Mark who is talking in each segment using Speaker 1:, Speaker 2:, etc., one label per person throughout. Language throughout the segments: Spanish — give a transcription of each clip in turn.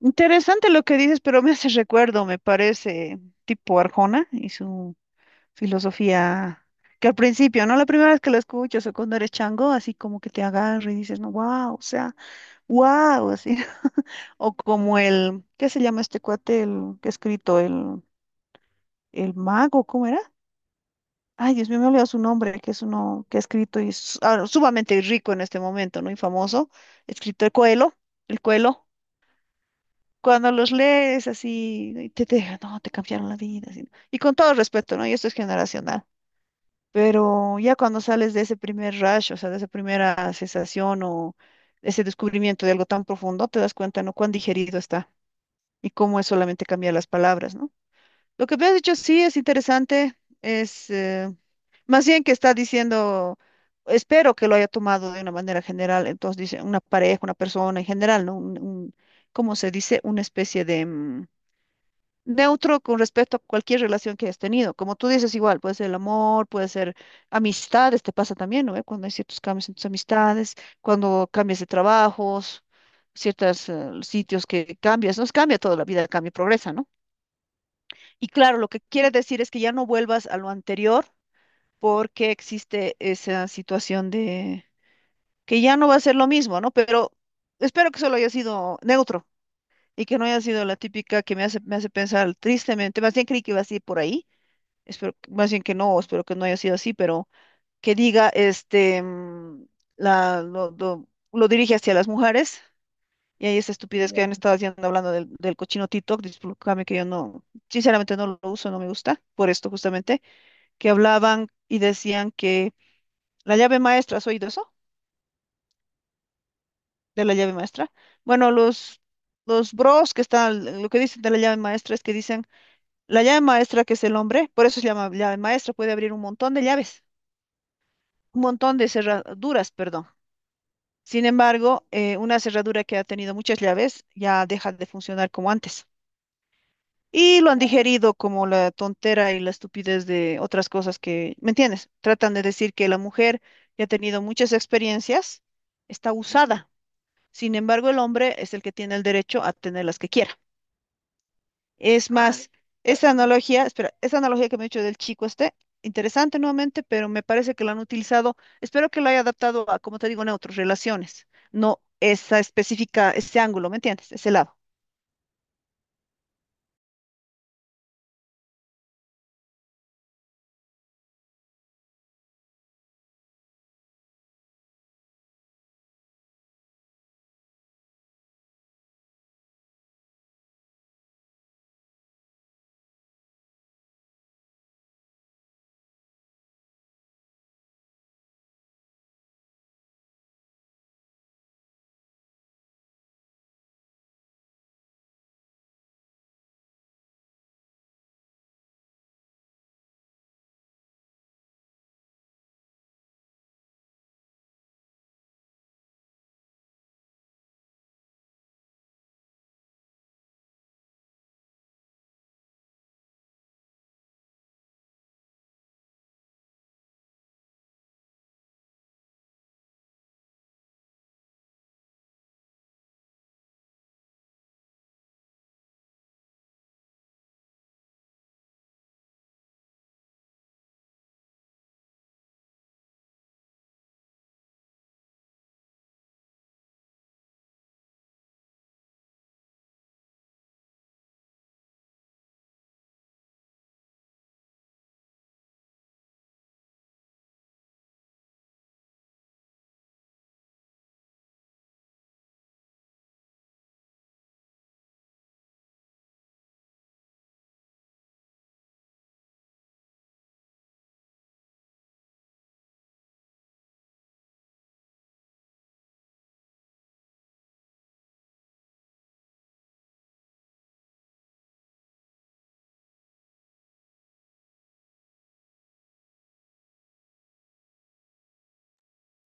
Speaker 1: Interesante lo que dices, pero me hace recuerdo, me parece, tipo Arjona y su filosofía, que al principio, ¿no? La primera vez que lo escuchas o cuando eres chango, así como que te agarra y dices, no, wow, o sea, wow, así. O como el, ¿qué se llama este cuate, el que ha escrito, el mago, ¿cómo era? Ay, Dios mío, me he olvidado su nombre, que es uno que ha escrito y es sumamente rico en este momento, ¿no? Y famoso, escrito el Coelho, el Coelho. Cuando los lees así, y te dejan, no, te cambiaron la vida, así, ¿no? Y con todo respeto, ¿no? Y esto es generacional. Pero ya cuando sales de ese primer rush, o sea, de esa primera sensación o ese descubrimiento de algo tan profundo, te das cuenta, ¿no? Cuán digerido está y cómo es solamente cambiar las palabras, ¿no? Lo que me has dicho sí es interesante, es más bien que está diciendo, espero que lo haya tomado de una manera general, entonces dice una pareja, una persona en general, ¿no? ¿Cómo se dice? Una especie de... neutro con respecto a cualquier relación que hayas tenido. Como tú dices, igual, puede ser el amor, puede ser amistades, te pasa también, ¿no? ¿Eh? Cuando hay ciertos cambios en tus amistades, cuando cambias de trabajos, ciertos sitios que cambias, nos cambia toda la vida, cambia, y progresa, ¿no? Y claro, lo que quiere decir es que ya no vuelvas a lo anterior porque existe esa situación de que ya no va a ser lo mismo, ¿no? Pero espero que solo haya sido neutro. Y que no haya sido la típica que me hace pensar tristemente, más bien creí que iba a ir por ahí, espero, más bien que no, espero que no haya sido así, pero que diga, este, la, lo, lo- lo dirige hacia las mujeres y ahí esa estupidez que han estado haciendo hablando del cochino TikTok, discúlpame que yo no, sinceramente no lo uso, no me gusta, por esto justamente, que hablaban y decían que la llave maestra, ¿has oído eso? De la llave maestra. Bueno, los bros que están, lo que dicen de la llave maestra es que dicen, la llave maestra que es el hombre, por eso se llama llave maestra, puede abrir un montón de llaves. Un montón de cerraduras, perdón. Sin embargo, una cerradura que ha tenido muchas llaves ya deja de funcionar como antes. Y lo han digerido como la tontera y la estupidez de otras cosas que, ¿me entiendes? Tratan de decir que la mujer ya ha tenido muchas experiencias, está usada. Sin embargo, el hombre es el que tiene el derecho a tener las que quiera. Es Vale. Más, Vale. Esa analogía, espera, esa analogía que me he hecho del chico este, interesante nuevamente, pero me parece que lo han utilizado, espero que lo haya adaptado a, como te digo, neutros, relaciones, no esa específica, ese ángulo, ¿me entiendes? Ese lado.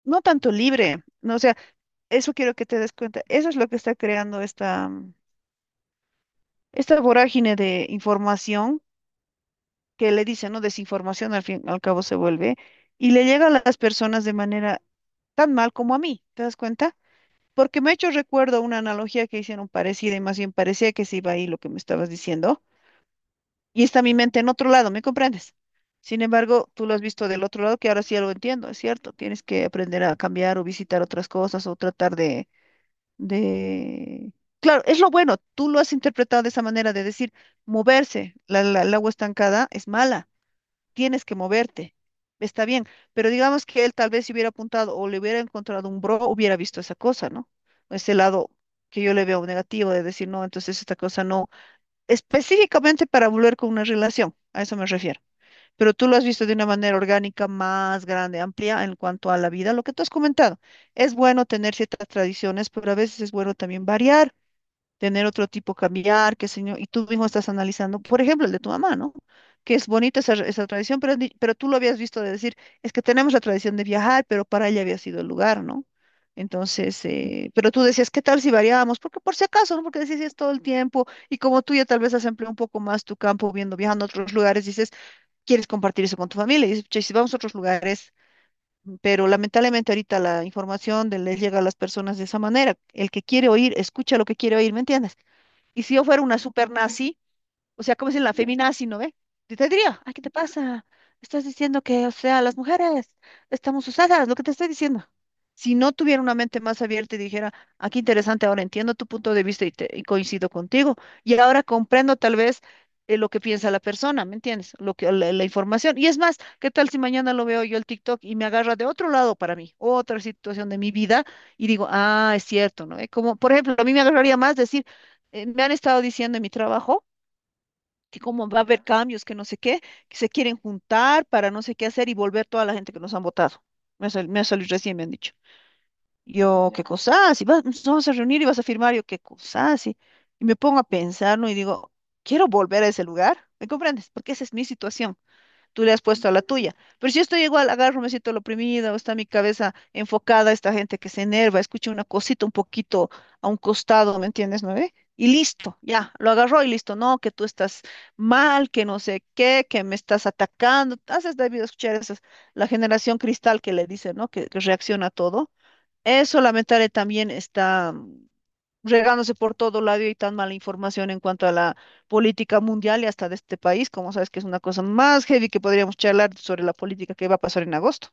Speaker 1: No tanto libre, no, o sea, eso quiero que te des cuenta, eso es lo que está creando esta, esta vorágine de información que le dicen, ¿no? Desinformación al fin, al cabo se vuelve, y le llega a las personas de manera tan mal como a mí, ¿te das cuenta? Porque me ha hecho recuerdo una analogía que hicieron parecida y más bien parecía que se iba ahí lo que me estabas diciendo. Y está mi mente en otro lado, ¿me comprendes? Sin embargo, tú lo has visto del otro lado, que ahora sí ya lo entiendo, es cierto. Tienes que aprender a cambiar o visitar otras cosas o tratar de... Claro, es lo bueno. Tú lo has interpretado de esa manera de decir, moverse, el agua estancada es mala, tienes que moverte. Está bien, pero digamos que él tal vez si hubiera apuntado o le hubiera encontrado un bro, hubiera visto esa cosa, ¿no? Ese lado que yo le veo negativo de decir, no, entonces esta cosa no, específicamente para volver con una relación, a eso me refiero. Pero tú lo has visto de una manera orgánica más grande, amplia en cuanto a la vida, lo que tú has comentado. Es bueno tener ciertas tradiciones, pero a veces es bueno también variar, tener otro tipo, cambiar, qué señor, y tú mismo estás analizando, por ejemplo, el de tu mamá, ¿no? Que es bonita esa, esa tradición, pero, pero tú lo habías visto de decir, es que tenemos la tradición de viajar, pero para ella había sido el lugar, ¿no? Entonces, pero tú decías, ¿qué tal si variábamos? Porque por si acaso, ¿no? Porque decías "Sí, es todo el tiempo", y como tú ya tal vez has empleado un poco más tu campo viendo, viajando a otros lugares, dices, quieres compartir eso con tu familia, y dices, "Che, si vamos a otros lugares", pero lamentablemente ahorita la información les llega a las personas de esa manera. El que quiere oír, escucha lo que quiere oír, ¿me entiendes? Y si yo fuera una super nazi, o sea, como si la feminazi, ¿no ve? Y te diría, ay, ¿qué te pasa? Estás diciendo que, o sea, las mujeres estamos usadas, lo que te estoy diciendo. Si no tuviera una mente más abierta y dijera, aquí interesante, ahora entiendo tu punto de vista y coincido contigo. Y ahora comprendo tal vez lo que piensa la persona, ¿me entiendes? Lo que, la información. Y es más, ¿qué tal si mañana lo veo yo el TikTok y me agarra de otro lado para mí, otra situación de mi vida y digo, ah, es cierto, ¿no? Como, por ejemplo, a mí me agarraría más decir, me han estado diciendo en mi trabajo que como va a haber cambios, que no sé qué, que se quieren juntar para no sé qué hacer y volver toda la gente que nos han votado. Me ha salido recién, me han dicho. Yo, qué cosa, si vas, nos vamos a reunir y vas a firmar, yo, qué cosa, si. Y me pongo a pensar, ¿no? Y digo, quiero volver a ese lugar, ¿me comprendes? Porque esa es mi situación, tú le has puesto a la tuya. Pero si yo estoy igual, agarro, me siento oprimida, o está mi cabeza enfocada, esta gente que se enerva, escucha una cosita un poquito a un costado, ¿me entiendes, no ve? Y listo, ya, lo agarró y listo. No, que tú estás mal, que no sé qué, que me estás atacando. Haces debido escuchar esas, la generación cristal que le dice, ¿no? Que reacciona a todo. Eso lamentable también está regándose por todo lado y hay tan mala información en cuanto a la política mundial y hasta de este país, como sabes que es una cosa más heavy que podríamos charlar sobre la política que va a pasar en agosto.